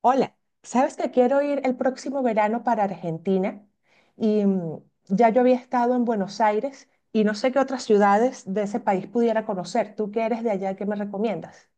Hola, ¿sabes que quiero ir el próximo verano para Argentina? Y ya yo había estado en Buenos Aires y no sé qué otras ciudades de ese país pudiera conocer. ¿Tú que eres de allá, qué me recomiendas?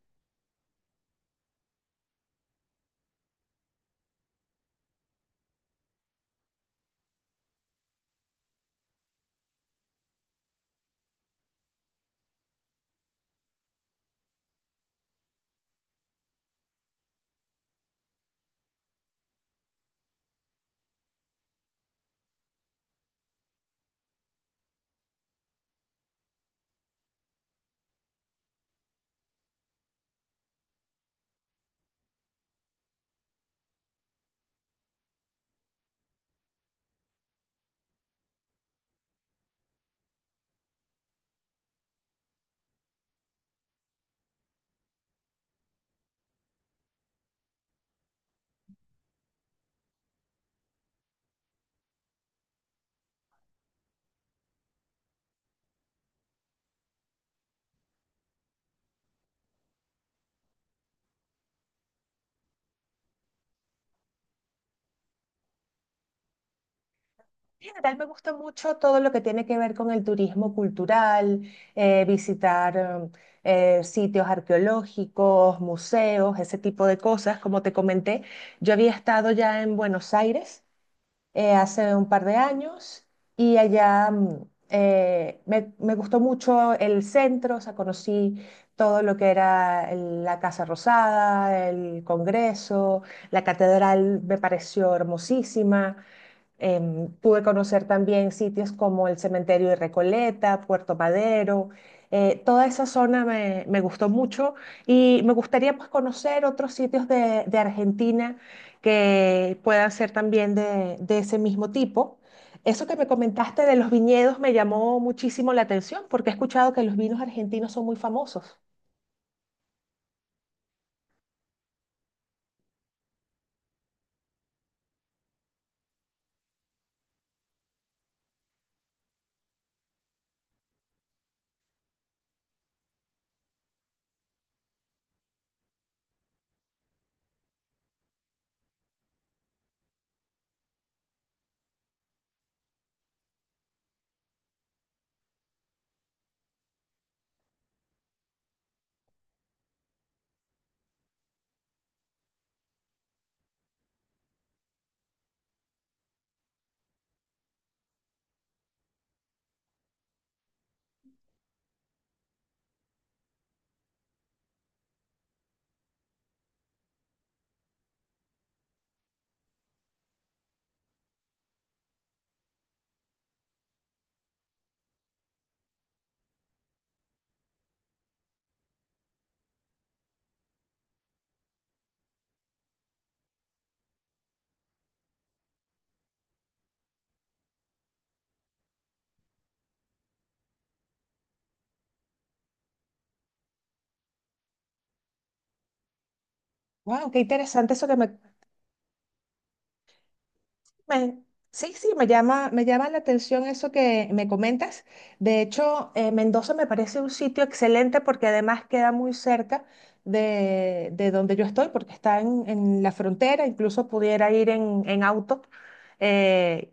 En general me gusta mucho todo lo que tiene que ver con el turismo cultural, visitar sitios arqueológicos, museos, ese tipo de cosas. Como te comenté, yo había estado ya en Buenos Aires hace un par de años y allá me gustó mucho el centro, o sea, conocí todo lo que era la Casa Rosada, el Congreso, la catedral me pareció hermosísima. Pude conocer también sitios como el Cementerio de Recoleta, Puerto Madero. Toda esa zona me gustó mucho y me gustaría, pues, conocer otros sitios de Argentina que puedan ser también de ese mismo tipo. Eso que me comentaste de los viñedos me llamó muchísimo la atención porque he escuchado que los vinos argentinos son muy famosos. Wow, qué interesante eso que me. Me- sí, sí, me llama la atención eso que me comentas. De hecho, Mendoza me parece un sitio excelente porque además queda muy cerca de donde yo estoy, porque está en la frontera, incluso pudiera ir en auto. Eh,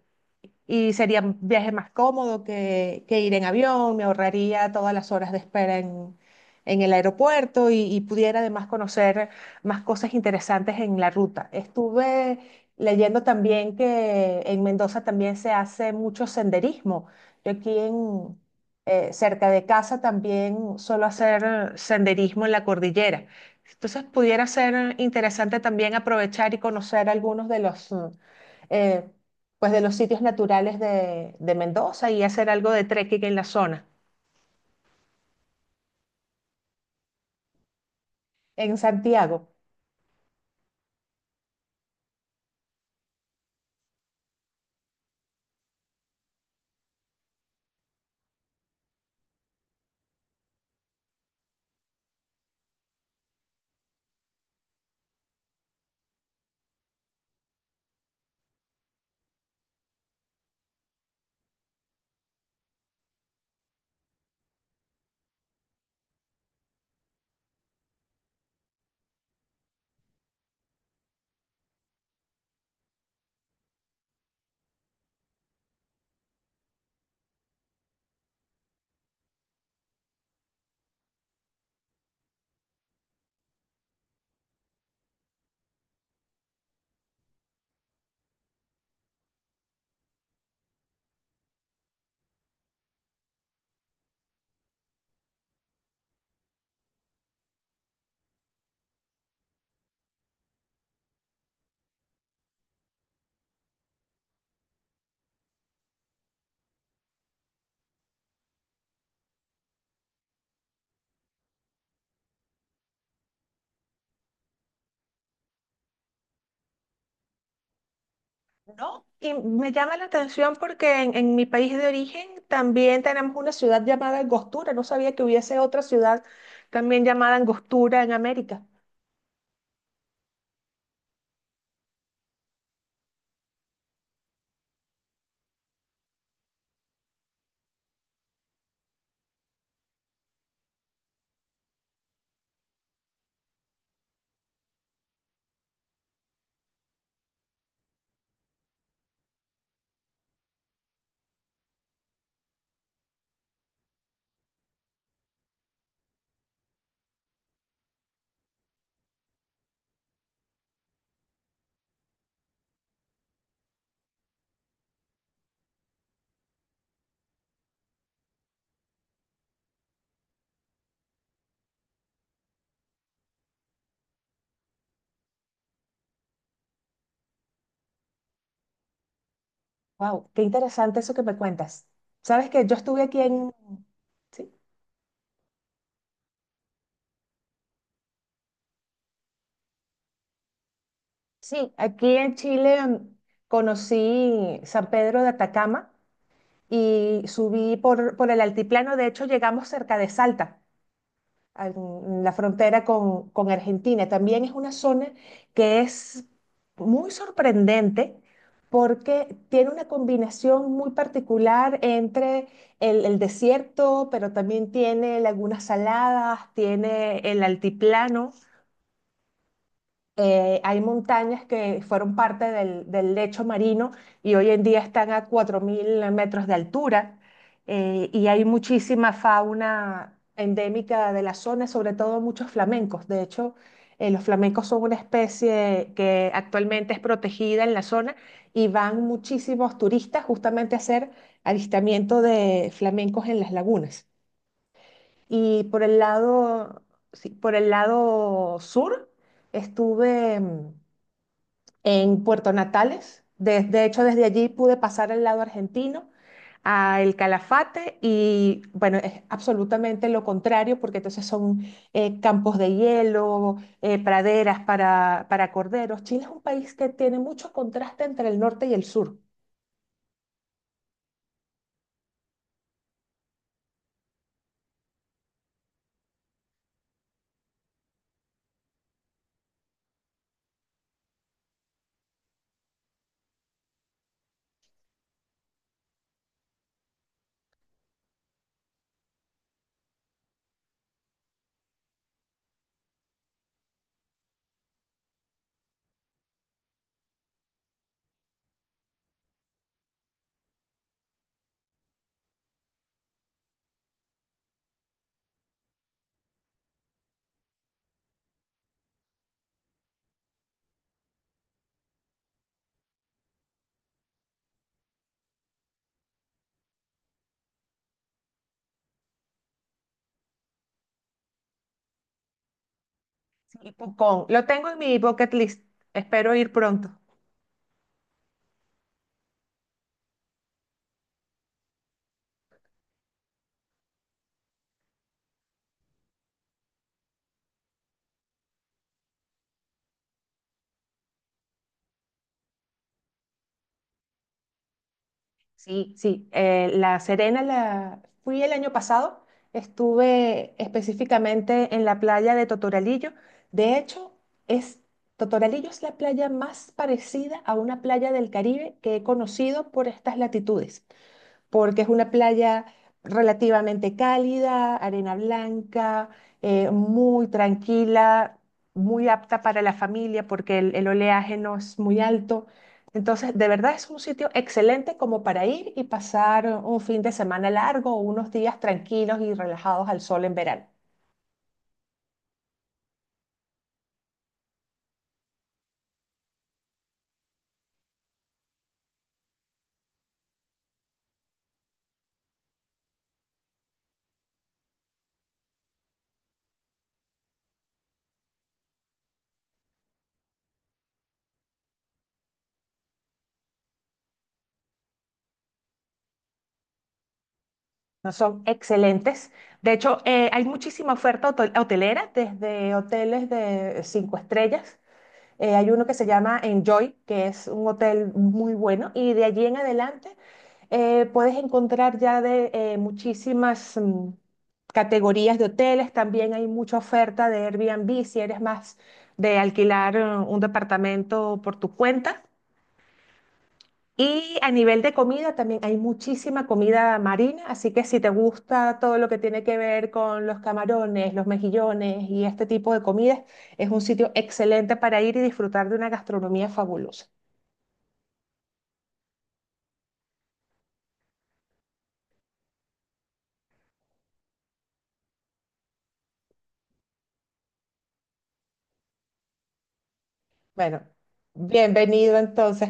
y sería un viaje más cómodo que ir en avión, me ahorraría todas las horas de espera en el aeropuerto y pudiera además conocer más cosas interesantes en la ruta. Estuve leyendo también que en Mendoza también se hace mucho senderismo. Yo aquí en, cerca de casa también suelo hacer senderismo en la cordillera. Entonces pudiera ser interesante también aprovechar y conocer algunos de los... eh, pues, de los sitios naturales de Mendoza y hacer algo de trekking en la zona. En Santiago. No, y me llama la atención porque en mi país de origen también tenemos una ciudad llamada Angostura. No sabía que hubiese otra ciudad también llamada Angostura en América. Wow, qué interesante eso que me cuentas. Sabes que yo estuve aquí en, sí, sí, aquí en Chile conocí San Pedro de Atacama y subí por el altiplano. De hecho, llegamos cerca de Salta, en la frontera con Argentina. También es una zona que es muy sorprendente porque tiene una combinación muy particular entre el desierto, pero también tiene lagunas saladas, tiene el altiplano. Hay montañas que fueron parte del lecho marino y hoy en día están a 4.000 metros de altura, y hay muchísima fauna endémica de la zona, sobre todo muchos flamencos. De hecho, los flamencos son una especie que actualmente es protegida en la zona y van muchísimos turistas justamente a hacer avistamiento de flamencos en las lagunas. Y por el lado, sí, por el lado sur estuve en Puerto Natales. De hecho, desde allí pude pasar al lado argentino, a El Calafate, y bueno, es absolutamente lo contrario, porque entonces son campos de hielo, praderas para corderos. Chile es un país que tiene mucho contraste entre el norte y el sur. Lo tengo en mi bucket list, espero ir pronto. Sí, sí. La Serena la fui el año pasado. Estuve específicamente en la playa de Totoralillo. De hecho, es Totoralillo es la playa más parecida a una playa del Caribe que he conocido por estas latitudes porque es una playa relativamente cálida, arena blanca, muy tranquila, muy apta para la familia porque el oleaje no es muy alto. Entonces, de verdad es un sitio excelente como para ir y pasar un fin de semana largo o unos días tranquilos y relajados al sol en verano. No son excelentes. De hecho, hay muchísima oferta hotelera, desde hoteles de 5 estrellas. Hay uno que se llama Enjoy, que es un hotel muy bueno, y de allí en adelante puedes encontrar ya de muchísimas categorías de hoteles. También hay mucha oferta de Airbnb si eres más de alquilar un departamento por tu cuenta. Y a nivel de comida también hay muchísima comida marina, así que si te gusta todo lo que tiene que ver con los camarones, los mejillones y este tipo de comidas, es un sitio excelente para ir y disfrutar de una gastronomía fabulosa. Bueno, bienvenido entonces.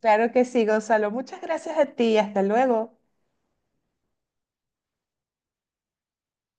Claro que sí, Gonzalo. Muchas gracias a ti. Hasta luego.